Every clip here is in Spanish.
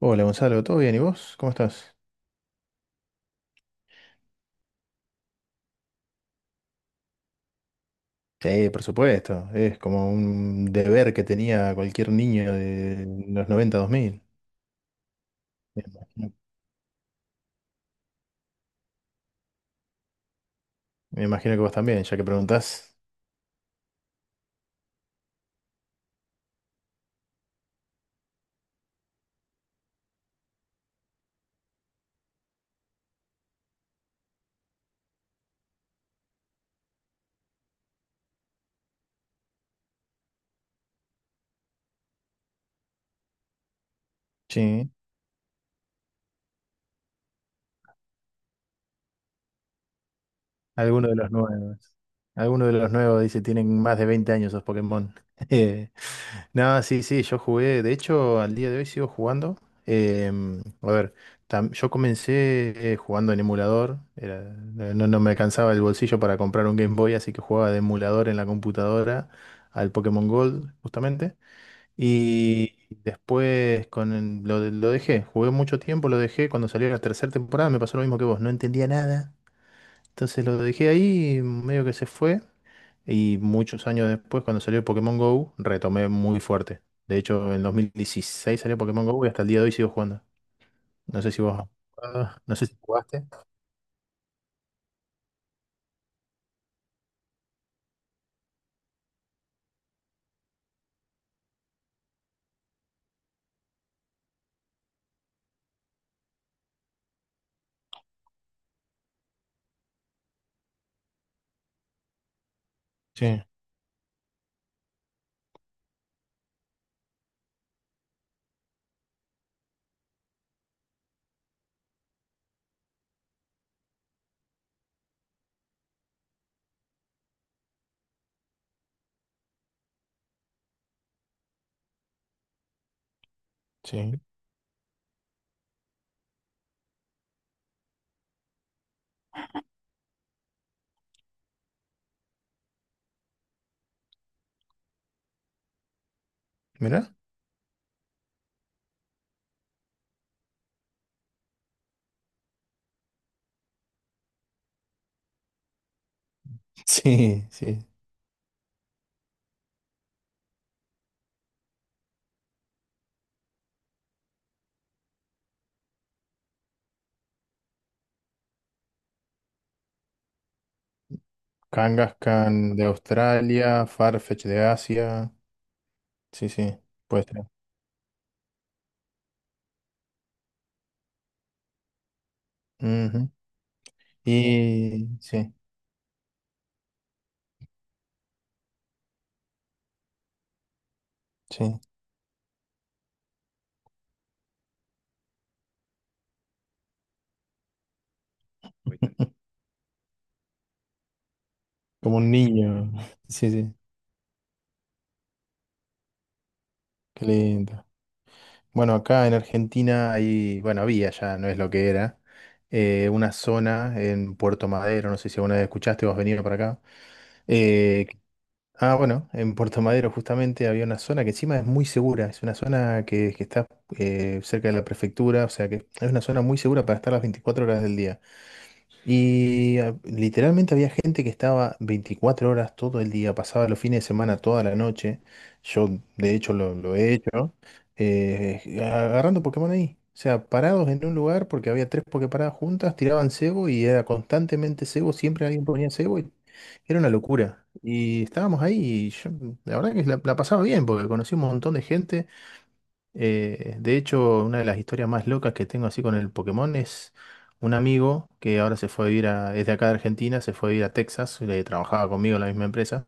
Hola Gonzalo, ¿todo bien? ¿Y vos? ¿Cómo estás? Sí, por supuesto, es como un deber que tenía cualquier niño de los 90-2000. Me imagino, me imagino que vos también, ya que preguntás. Sí, alguno de los nuevos. Alguno de los nuevos dice, tienen más de 20 años esos Pokémon. No, sí, sí, yo jugué, de hecho al día de hoy sigo jugando. A ver, yo comencé jugando en emulador, no, no me alcanzaba el bolsillo para comprar un Game Boy, así que jugaba de emulador en la computadora al Pokémon Gold, justamente. Y después lo dejé, jugué mucho tiempo, lo dejé, cuando salió la tercera temporada me pasó lo mismo que vos, no entendía nada. Entonces lo dejé ahí, medio que se fue. Y muchos años después, cuando salió Pokémon Go, retomé muy fuerte. De hecho, en 2016 salió Pokémon Go y hasta el día de hoy sigo jugando. No sé si vos. Ah, no sé si jugaste. Sí, sí. ¿Mira? Sí, sí. Kangaskhan de Australia, Farfetch de Asia. Sí, sí, puede ser. Ujú. Y sí, sí. Como un niño. Sí, sí. Qué lindo. Bueno, acá en Argentina hay, bueno, había ya, no es lo que era, una zona en Puerto Madero, no sé si alguna vez escuchaste o has venido para acá. eh, ah, bueno, en Puerto Madero justamente había una zona que encima es muy segura, es una zona que está cerca de la prefectura, o sea que es una zona muy segura para estar las 24 horas del día. Y ah, literalmente había gente que estaba 24 horas todo el día, pasaba los fines de semana toda la noche. Yo, de hecho, lo he hecho, agarrando Pokémon ahí. O sea, parados en un lugar porque había tres Poképaradas juntas, tiraban cebo y era constantemente cebo, siempre alguien ponía cebo y era una locura. Y estábamos ahí y yo, la verdad que la pasaba bien porque conocí un montón de gente. De hecho, una de las historias más locas que tengo así con el Pokémon es un amigo que ahora se fue a vivir a, es de acá de Argentina, se fue a vivir a Texas, le trabajaba conmigo en la misma empresa.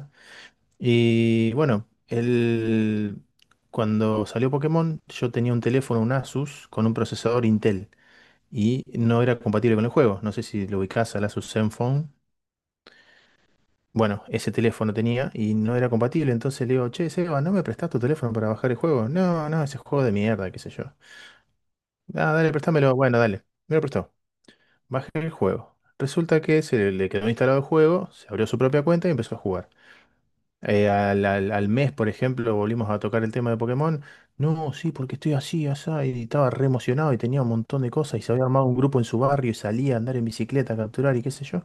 Y bueno, él, cuando salió Pokémon, yo tenía un teléfono, un Asus, con un procesador Intel y no era compatible con el juego. No sé si lo ubicás al Asus Zenfone. Bueno, ese teléfono tenía y no era compatible, entonces le digo, che, Seba, ¿no me prestás tu teléfono para bajar el juego? No, no, ese juego de mierda, qué sé yo. Ah, dale, préstamelo. Bueno, dale. Me lo prestó. Bajé el juego. Resulta que se le quedó instalado el juego, se abrió su propia cuenta y empezó a jugar. Al mes, por ejemplo, volvimos a tocar el tema de Pokémon. No, sí, porque estoy así, asá. Y estaba re emocionado y tenía un montón de cosas. Y se había armado un grupo en su barrio y salía a andar en bicicleta, a capturar y qué sé yo.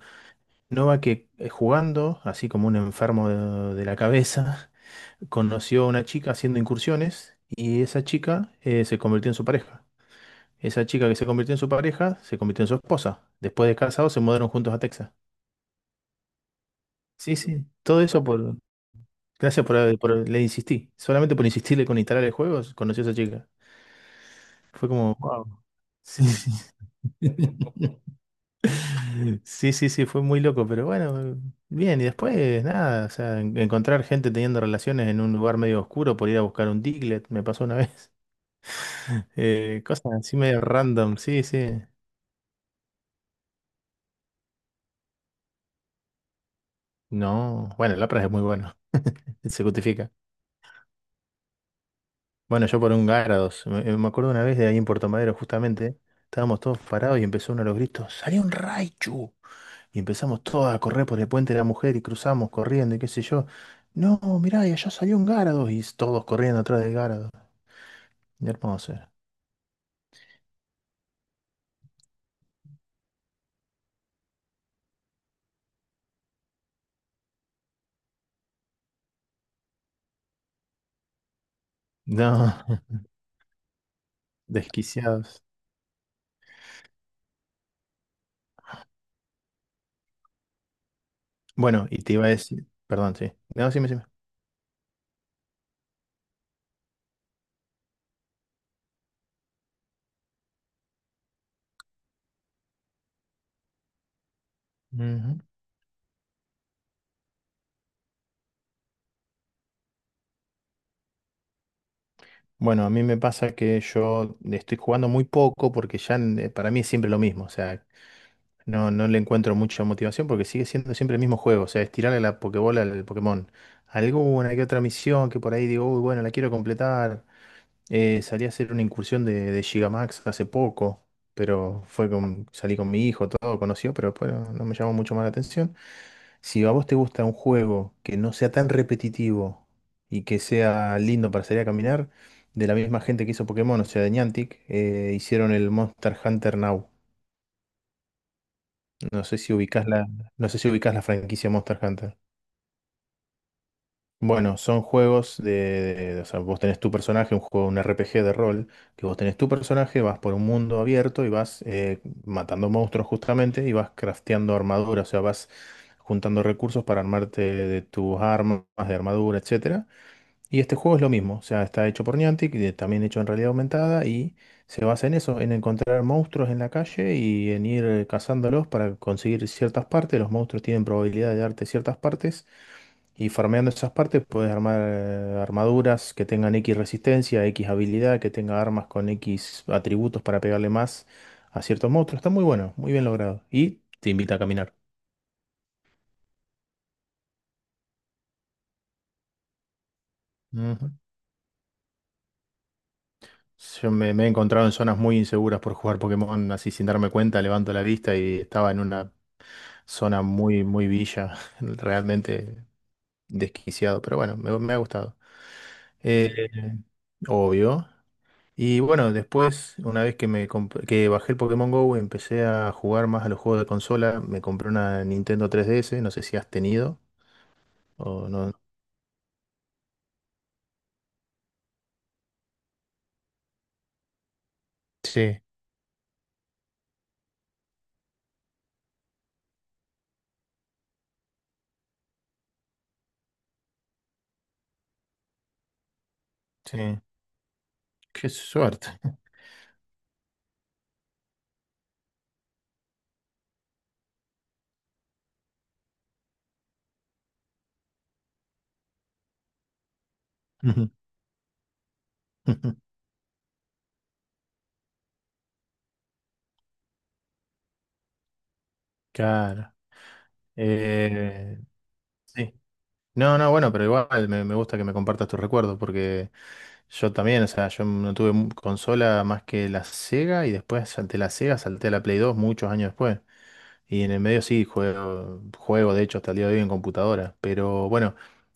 No va que jugando, así como un enfermo de la cabeza, conoció a una chica haciendo incursiones y esa chica se convirtió en su pareja. Esa chica que se convirtió en su pareja se convirtió en su esposa. Después de casados se mudaron juntos a Texas. Sí, sí, todo eso por. Gracias por. Le insistí. Solamente por insistirle con instalar el juego, conocí a esa chica. Fue como, wow. Sí, sí. Sí, sí, sí, fue muy loco, pero bueno, bien, y después nada, o sea, encontrar gente teniendo relaciones en un lugar medio oscuro por ir a buscar un Diglett, me pasó una vez. Cosas así medio random, sí, sí. No, bueno, el Lapras es muy bueno, se justifica. Bueno, yo por un Gárados. Me acuerdo una vez de ahí en Puerto Madero, justamente. Estábamos todos parados y empezó uno de los gritos: ¡Salió un Raichu! Y empezamos todos a correr por el puente de la mujer y cruzamos corriendo y qué sé yo. No, mirá, y allá salió un Gárados. Y todos corriendo atrás del Gárados. Hermoso era. No, desquiciados. Bueno, y te iba a decir. Perdón, sí. No, sí, sí. Ujú. Bueno, a mí me pasa que yo estoy jugando muy poco porque ya para mí es siempre lo mismo. O sea, no, no le encuentro mucha motivación porque sigue siendo siempre el mismo juego. O sea, estirarle la Pokébola al Pokémon. Alguna que otra misión que por ahí digo, uy, bueno, la quiero completar. Salí a hacer una incursión de Gigamax hace poco, pero salí con mi hijo, todo conoció, pero después no, no me llamó mucho más la atención. Si a vos te gusta un juego que no sea tan repetitivo y que sea lindo para salir a caminar, de la misma gente que hizo Pokémon, o sea, de Niantic, hicieron el Monster Hunter Now. No sé si ubicás la, no sé si ubicás la franquicia Monster Hunter. Bueno, son juegos o sea, vos tenés tu personaje, un juego, un RPG de rol, que vos tenés tu personaje, vas por un mundo abierto y vas matando monstruos justamente y vas crafteando armadura, o sea, vas juntando recursos para armarte de tus armas, de armadura, etcétera y este juego es lo mismo, o sea, está hecho por Niantic, y también hecho en realidad aumentada, y se basa en eso, en encontrar monstruos en la calle y en ir cazándolos para conseguir ciertas partes. Los monstruos tienen probabilidad de darte ciertas partes, y farmeando esas partes puedes armar armaduras que tengan X resistencia, X habilidad, que tenga armas con X atributos para pegarle más a ciertos monstruos. Está muy bueno, muy bien logrado. Y te invita a caminar. Ujú. Yo me he encontrado en zonas muy inseguras por jugar Pokémon, así sin darme cuenta, levanto la vista y estaba en una zona muy, muy villa, realmente desquiciado, pero bueno, me ha gustado. Eh, obvio. Y bueno, después, una vez que, que bajé el Pokémon Go, empecé a jugar más a los juegos de consola, me compré una Nintendo 3DS, no sé si has tenido o no. Sí, sí, qué suerte. Claro. Eh, sí. No, no, bueno, pero igual me gusta que me compartas tus recuerdos porque yo también, o sea, yo no tuve consola más que la Sega y después salté la Sega, salté a la Play dos muchos años después. Y en el medio sí, juego de hecho hasta el día de hoy en computadora. Pero bueno,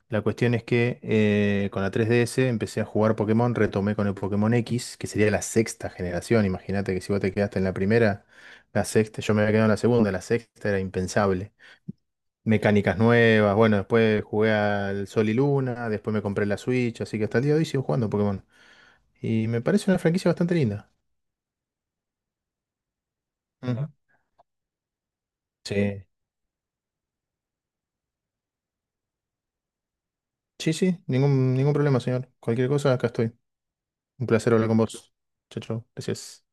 la cuestión es que con la 3DS empecé a jugar Pokémon, retomé con el Pokémon X, que sería la sexta generación. Imagínate que si vos te quedaste en la primera, la sexta, yo me había quedado en la segunda, la sexta era impensable mecánicas nuevas. Bueno, después jugué al Sol y Luna, después me compré la Switch, así que hasta el día de hoy sigo jugando Pokémon. Y me parece una franquicia bastante linda. Ujú. Sí. Sí, sí, ningún problema, señor. Cualquier cosa, acá estoy. Un placer hablar con vos. Chao, chao. Gracias.